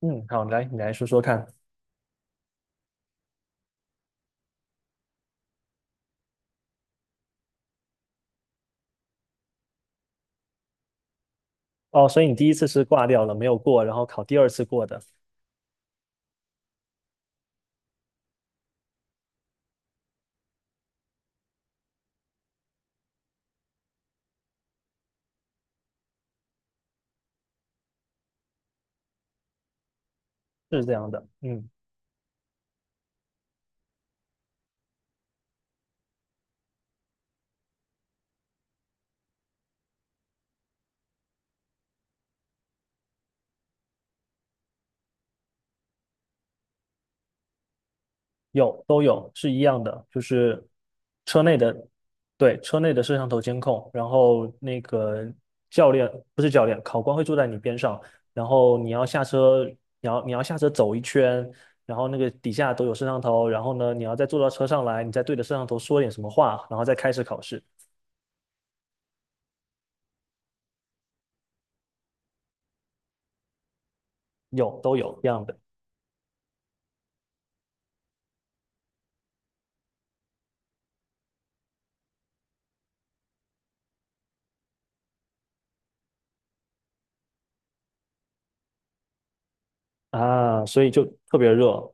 嗯，好，来，你来说说看。哦，所以你第一次是挂掉了，没有过，然后考第二次过的，是这样的。嗯，有，都有，是一样的，就是车内的，对，车内的摄像头监控，然后那个教练，不是教练，考官会坐在你边上，然后你要下车，你要下车走一圈，然后那个底下都有摄像头，然后呢，你要再坐到车上来，你再对着摄像头说点什么话，然后再开始考试，有，都有，一样的。啊，所以就特别热，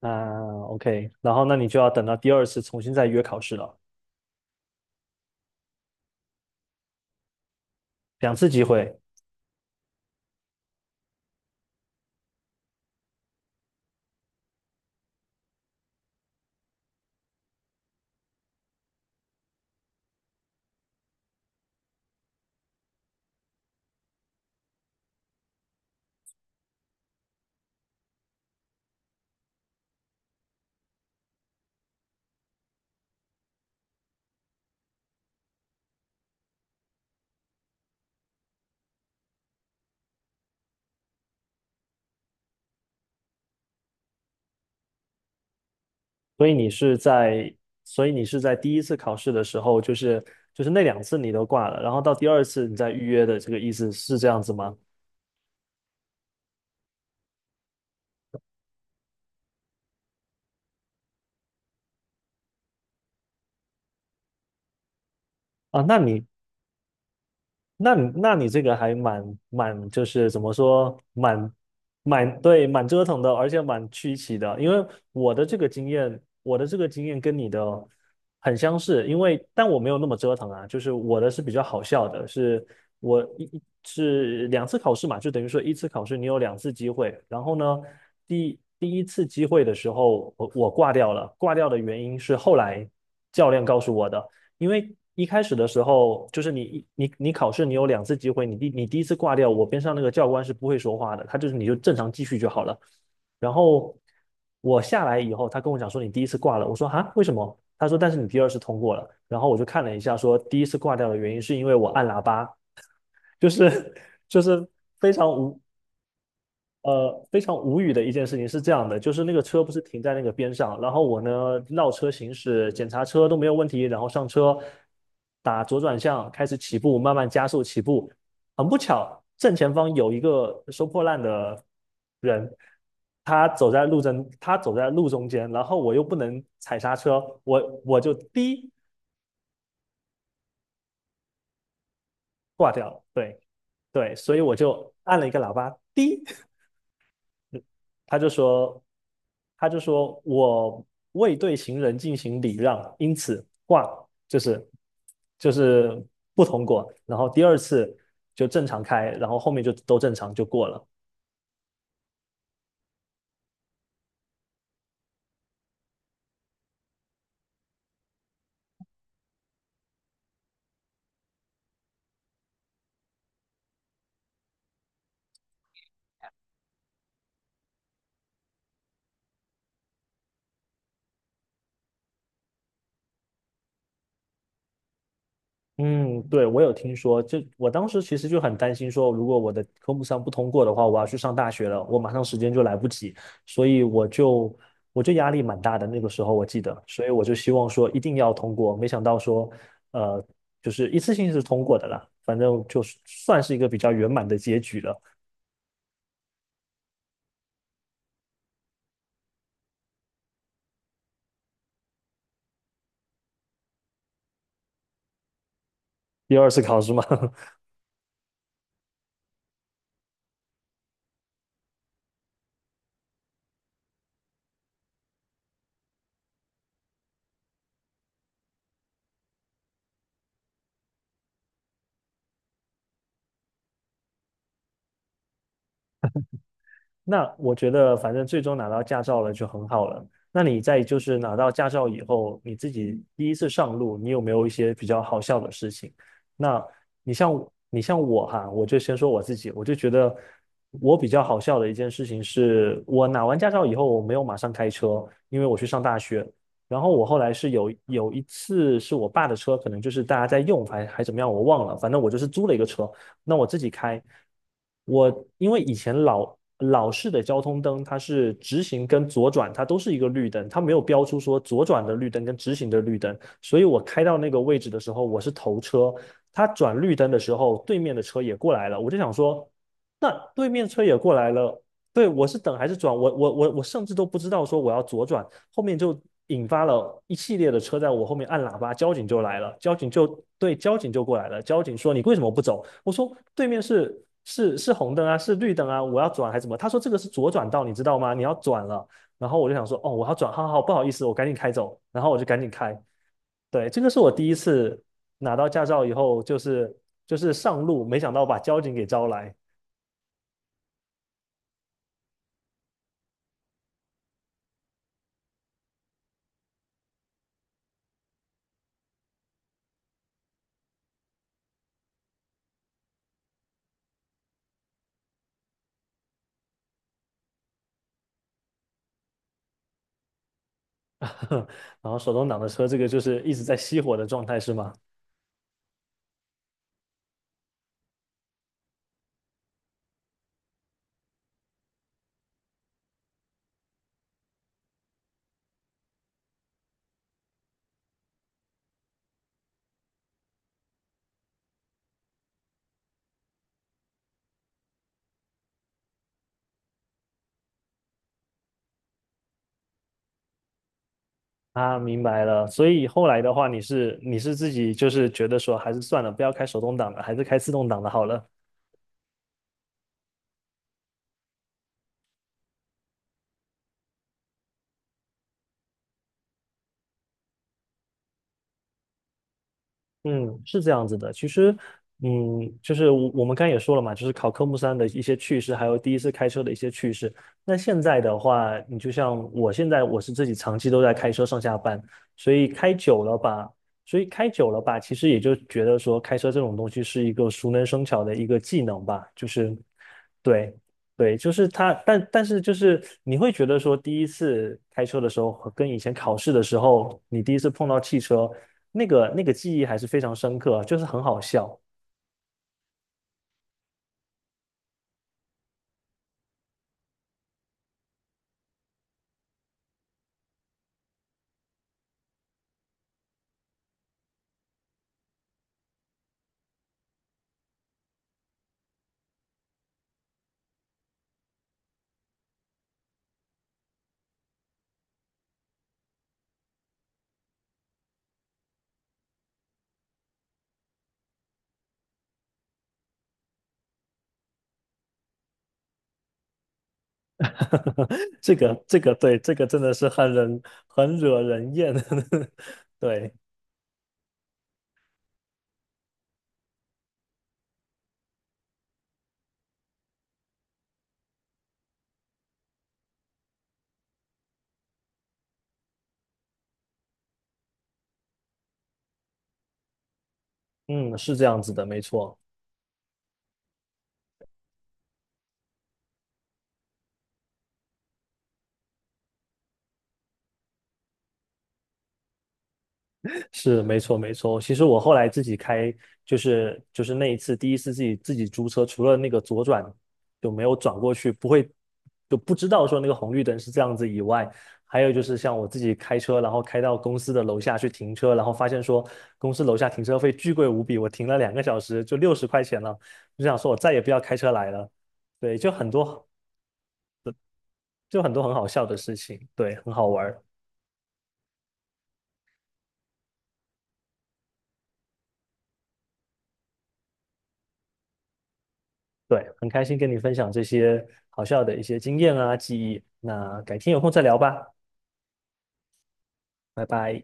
啊，OK，然后那你就要等到第二次重新再约考试了，两次机会，所以你是在，所以你是在第一次考试的时候，就是那两次你都挂了，然后到第二次你再预约的这个意思是这样子吗？啊，那你这个还蛮就是怎么说，蛮对，蛮折腾的，而且蛮曲奇的。因为我的这个经验，我的这个经验跟你的很相似，因为但我没有那么折腾啊，就是我的是比较好笑的，是我是两次考试嘛，就等于说一次考试你有两次机会，然后呢，第一次机会的时候我挂掉了，挂掉的原因是后来教练告诉我的。因为一开始的时候，就是你考试，你有两次机会，你第一次挂掉，我边上那个教官是不会说话的，他就是你就正常继续就好了。然后我下来以后，他跟我讲说你第一次挂了，我说啊为什么？他说但是你第二次通过了。然后我就看了一下，说第一次挂掉的原因是因为我按喇叭，就是就是非常无非常无语的一件事情是这样的，就是那个车不是停在那个边上，然后我呢绕车行驶，检查车都没有问题，然后上车，打左转向，开始起步，慢慢加速起步。很不巧，正前方有一个收破烂的人，他走在路中间，然后我又不能踩刹车，我就滴挂掉了，对对，所以我就按了一个喇叭，滴，他就说，他就说我未对行人进行礼让，因此挂就是就是不通过。然后第二次就正常开，然后后面就都正常就过了。嗯，对，我有听说，就我当时其实就很担心说，如果我的科目三不通过的话，我要去上大学了，我马上时间就来不及，所以我就我就压力蛮大的。那个时候我记得，所以我就希望说一定要通过，没想到说，呃，就是一次性是通过的啦，反正就是算是一个比较圆满的结局了。第二次考试嘛，那我觉得，反正最终拿到驾照了就很好了。那你在就是拿到驾照以后，你自己第一次上路，你有没有一些比较好笑的事情？那你像你像我哈，我就先说我自己，我就觉得我比较好笑的一件事情是，我拿完驾照以后，我没有马上开车，因为我去上大学。然后我后来是有一次是我爸的车，可能就是大家在用，还怎么样，我忘了，反正我就是租了一个车。那我自己开，我因为以前老式的交通灯，它是直行跟左转，它都是一个绿灯，它没有标出说左转的绿灯跟直行的绿灯，所以我开到那个位置的时候，我是头车，它转绿灯的时候，对面的车也过来了，我就想说，那对面车也过来了，对，我是等还是转？我甚至都不知道说我要左转，后面就引发了一系列的车在我后面按喇叭，交警就来了，交警就对，交警就过来了，交警说你为什么不走？我说对面是红灯啊，是绿灯啊，我要转还是怎么？他说这个是左转道，你知道吗？你要转了。然后我就想说，哦，我要转，好，不好意思，我赶紧开走。然后我就赶紧开。对，这个是我第一次拿到驾照以后，上路，没想到把交警给招来，然后手动挡的车，这个就是一直在熄火的状态，是吗？啊，明白了。所以后来的话，你是自己就是觉得说，还是算了，不要开手动挡了，还是开自动挡的好了。嗯，是这样子的。其实，嗯，就是我们刚才也说了嘛，就是考科目三的一些趣事，还有第一次开车的一些趣事。那现在的话，你就像我现在，我是自己长期都在开车上下班，所以开久了吧，所以开久了吧，其实也就觉得说，开车这种东西是一个熟能生巧的一个技能吧，就是对。对，就是他，但是就是你会觉得说，第一次开车的时候和跟以前考试的时候，你第一次碰到汽车，那个记忆还是非常深刻，就是很好笑。这个对，这个真的是很惹人厌。对，嗯，是这样子的，没错。是，没错。其实我后来自己开，那一次第一次自己租车，除了那个左转就没有转过去，不会就不知道说那个红绿灯是这样子以外，还有就是像我自己开车，然后开到公司的楼下去停车，然后发现说公司楼下停车费巨贵无比，我停了2个小时就60块钱了，就想说我再也不要开车来了。对，就很多很好笑的事情，对，很好玩儿。对，很开心跟你分享这些好笑的一些经验啊、记忆。那改天有空再聊吧，拜拜。